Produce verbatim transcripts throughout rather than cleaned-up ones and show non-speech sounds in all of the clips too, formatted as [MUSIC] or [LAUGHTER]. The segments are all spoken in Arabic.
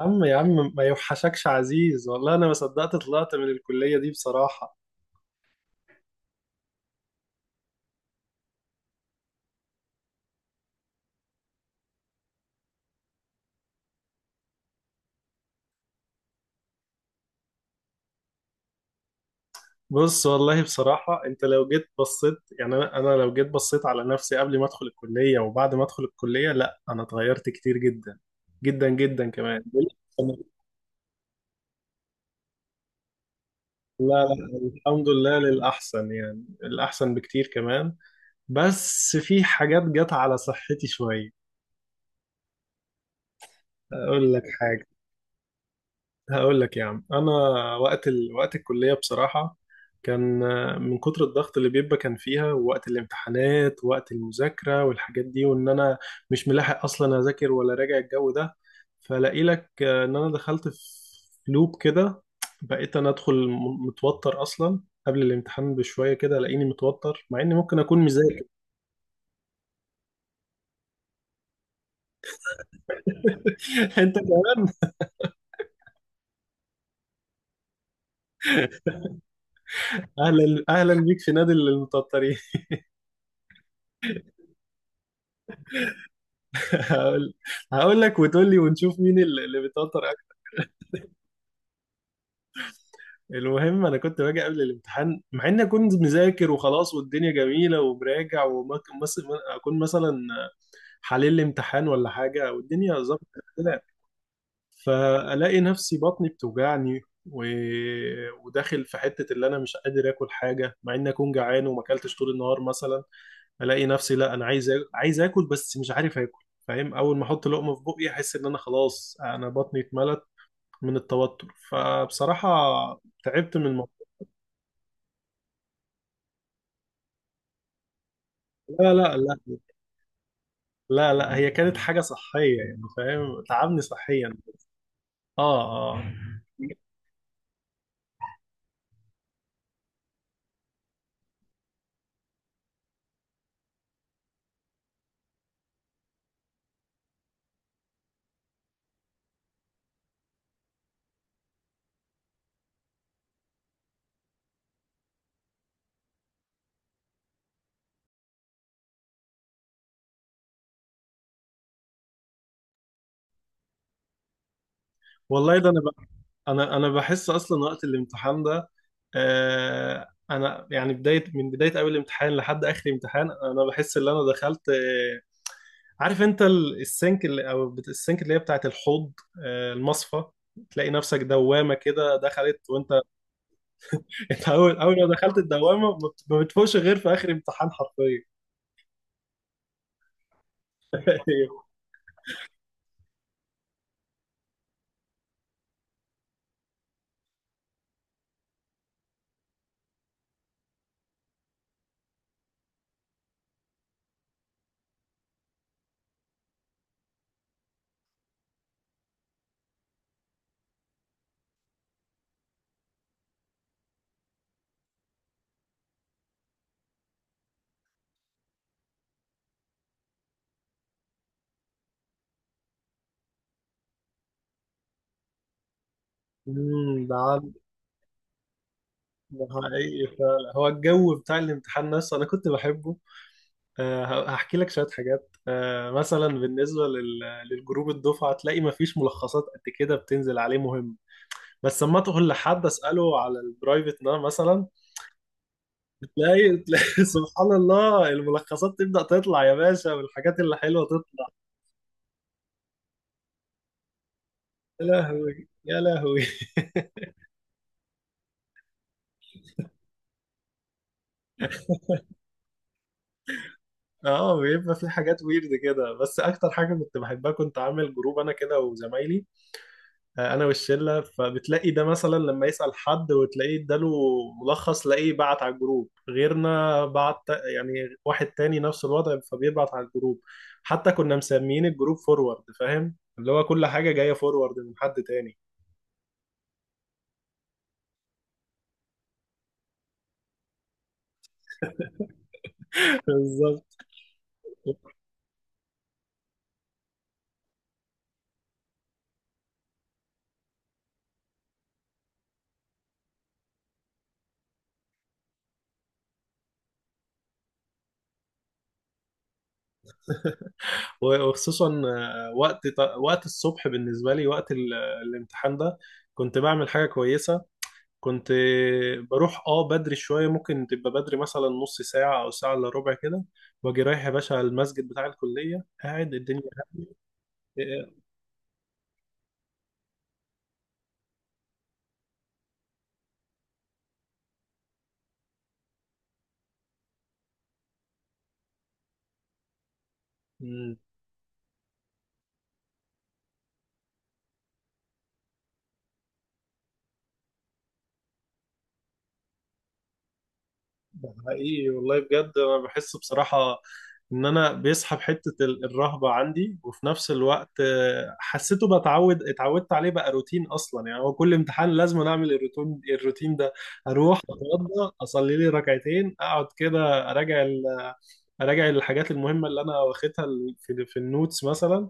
يا عم يا عم، ما يوحشكش عزيز، والله انا ما صدقت طلعت من الكلية دي بصراحة. بص، والله بصراحة انت لو جيت بصيت، يعني انا أنا لو جيت بصيت على نفسي قبل ما ادخل الكلية وبعد ما ادخل الكلية، لا انا اتغيرت كتير جدا جدا جدا كمان. لا لا، الحمد لله للأحسن، يعني الأحسن بكتير كمان. بس في حاجات جت على صحتي شوية. أقول لك حاجة، هقول لك يا عم انا. وقت ال... وقت الكليه بصراحه كان، آه، من كتر الضغط اللي بيبقى كان فيها ووقت الامتحانات ووقت المذاكره والحاجات دي، وان انا مش ملاحق اصلا اذاكر ولا راجع الجو ده. فلاقي لك آه، ان انا دخلت في لوب كده. بقيت انا ادخل م- متوتر اصلا، قبل الامتحان بشويه كده الاقيني متوتر مع اني ممكن اكون مذاكر. [LAUGHS] انت كمان. اهلا اهلا بيك في نادي المتوترين. [LAUGHS] هقول هقول لك وتقول لي ونشوف مين اللي اللي بيتوتر. المهم انا كنت باجي قبل الامتحان مع اني كنت مذاكر وخلاص، والدنيا جميله ومراجع، واكون مثلا اكون مثلا حليل الامتحان ولا حاجه والدنيا ظبطت كده. فالاقي نفسي بطني بتوجعني و... وداخل في حته اللي انا مش قادر اكل حاجه، مع اني اكون جعان وما اكلتش طول النهار مثلا. الاقي نفسي لا انا عايز آ... عايز اكل، بس مش عارف اكل، فاهم؟ اول ما احط لقمه في بقي احس ان انا خلاص، انا بطني اتملت من التوتر، فبصراحه تعبت من الموضوع. لا لا لا. لا لا، هي كانت حاجة صحية، يعني فاهم تعبني صحيا. اه، اه. والله ده انا ب... انا انا بحس اصلا وقت الامتحان ده. آه انا يعني بداية من بداية اول امتحان لحد اخر امتحان، انا بحس ان انا دخلت، آه عارف انت ال- السنك اللي او بت- السنك اللي هي بتاعت الحوض. آه، المصفى. تلاقي نفسك دوامة كده دخلت وانت. [LAUGHS] انت اول اول ما دخلت الدوامة ما بت- ما بتفوقش غير في اخر امتحان حرفيا. [LAUGHS] أيوه. أمم، ده ده حقيقي فعلا، هو الجو بتاع الامتحان نفسه انا كنت بحبه. آه، ه- هحكي لك شويه حاجات. آه، مثلا بالنسبه لل- للجروب الدفعه، تلاقي ما فيش ملخصات قد كده بتنزل عليه مهم. بس لما تقول لحد اساله على البرايفت ده مثلا تلاقي تلاقي [LAUGHS] سبحان الله، الملخصات تبدا تطلع يا باشا، والحاجات اللي حلوه تطلع. يا لهوي، يا لهوي. [LAUGHS] اه، بيبقى في حاجات ويرد كده، بس اكتر حاجه كنت بحبها كنت عامل جروب انا كده وزمايلي، آه، انا والشله، فبتلاقي ده مثلا لما يسال حد وتلاقيه اداله ملخص، تلاقيه بعت على الجروب، غيرنا بعت، يعني واحد تاني نفس الوضع فبيبعت على الجروب. حتى كنا مسميين الجروب فورورد، فاهم؟ اللي هو كل حاجه جايه فورورد من حد تاني. [LAUGHS] بالظبط. و- وخصوصا آه، وقت وقت الصبح بالنسبه لي، وقت ال- الامتحان ده، كنت بعمل حاجه كويسه. كنت بروح اه بدري شوية، ممكن تبقى بدري مثلا نص ساعة أو ساعة إلا ربع كده، وأجي رايح يا باشا على المسجد بتاع الكلية قاعد. الدنيا. ده حقيقي والله بجد، انا بحس بصراحة ان انا بيسحب حتة ال- الرهبة عندي، وفي نفس الوقت آه، حسيته بتعود، اتعودت عليه بقى روتين اصلا، يعني هو كل امتحان لازم أنا اعمل الروتين الروتين ده. اروح اتوضى اصلي لي ركعتين، اقعد كده اراجع ال- اراجع الحاجات المهمة اللي انا واخدها ال- في في النوتس مثلا.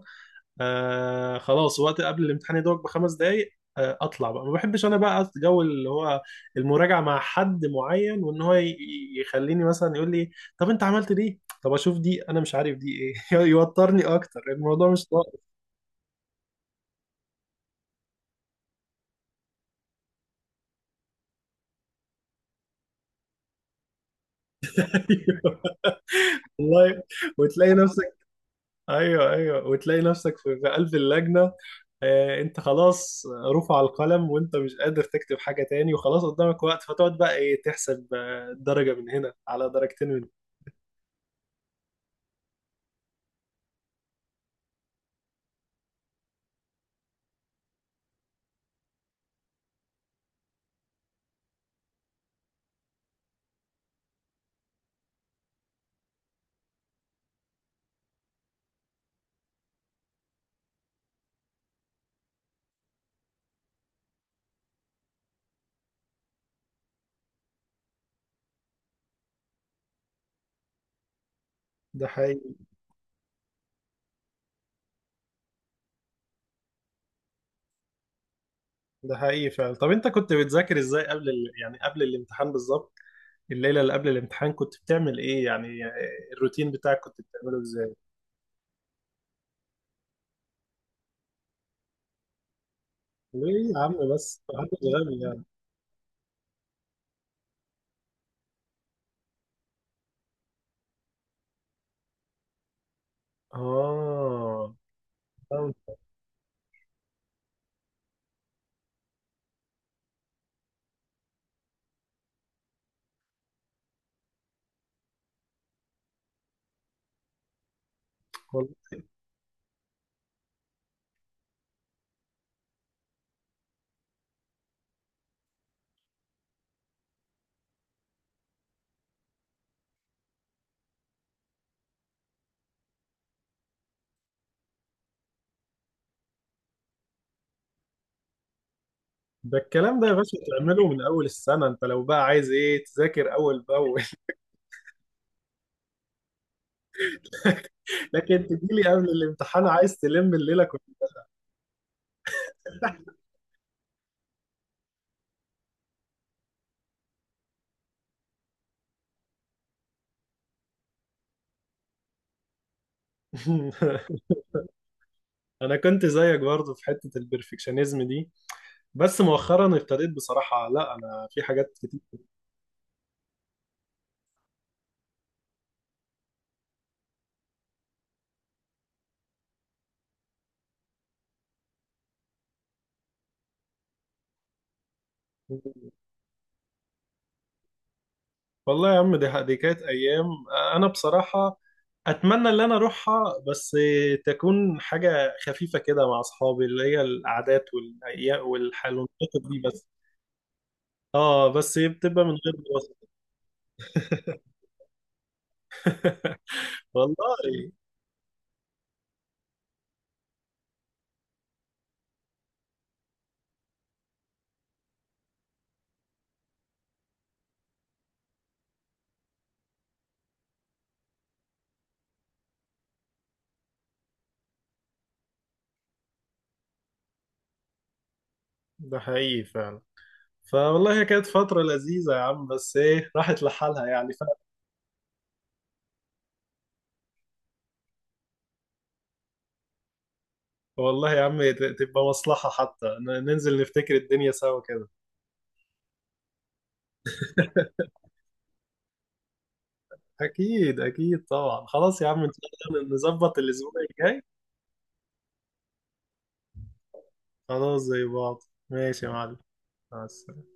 آه خلاص وقت قبل الامتحان يدوق بخمس دقايق، آه اطلع بقى. ما بحبش انا بقى جو اللي هو المراجعه مع حد معين، وان هو ي- ي- يخليني مثلا يقول لي طب انت عملت دي، طب اشوف دي، انا مش عارف دي ايه. [LAUGHS] يوترني اكتر الموضوع، مش طايق. [LAUGHS] والله. وتلاقي نفسك، ايوه، ايوه، وتلاقي نفسك في في قلب اللجنه، آه، انت خلاص رفع القلم وانت مش قادر تكتب حاجه تاني، وخلاص قدامك وقت، فتقعد بقى ايه تحسب، آه، درجه من هنا على درجتين من. ده حقيقي ده حقيقي فعلا. طب انت كنت بتذاكر ازاي قبل ال... يعني قبل الامتحان بالظبط؟ الليله اللي قبل الامتحان كنت بتعمل ايه يعني؟ الروتين بتاعك كنت بتعمله ازاي؟ ليه يا عم بس، محدش غبي يعني. اه، فهمت. والله. ده الكلام ده يا باشا تعمله من اول السنه، انت لو بقى عايز ايه تذاكر اول باول. [LAUGHS] لكن تجيلي قبل الامتحان عايز تلم الليله كلها. [LAUGHS] انا كنت زيك برضو في حته البرفكشنزم دي. بس مؤخرا ابتديت بصراحه، لا انا في حاجات كتير. والله يا عم، دي دي كانت ايام. انا بصراحه اتمنى ان انا اروحها، بس تكون حاجه خفيفه كده مع اصحابي، اللي هي القعدات والايام والحلويات دي بس. اه، بس بتبقى من غير دراسه. [LAUGHS] والله ده حقيقي فعلا. فوالله هي كانت فتره لذيذه يا عم، بس ايه راحت لحالها يعني ف... والله يا عم، ت- تبقى مصلحه حتى، ن- ننزل نفتكر الدنيا سوا كده. [LAUGHS] اكيد اكيد طبعا. خلاص يا عم، ان شاء الله نظبط الاسبوع الجاي. خلاص زي بعض. ماشي يا معلم، مع السلامة.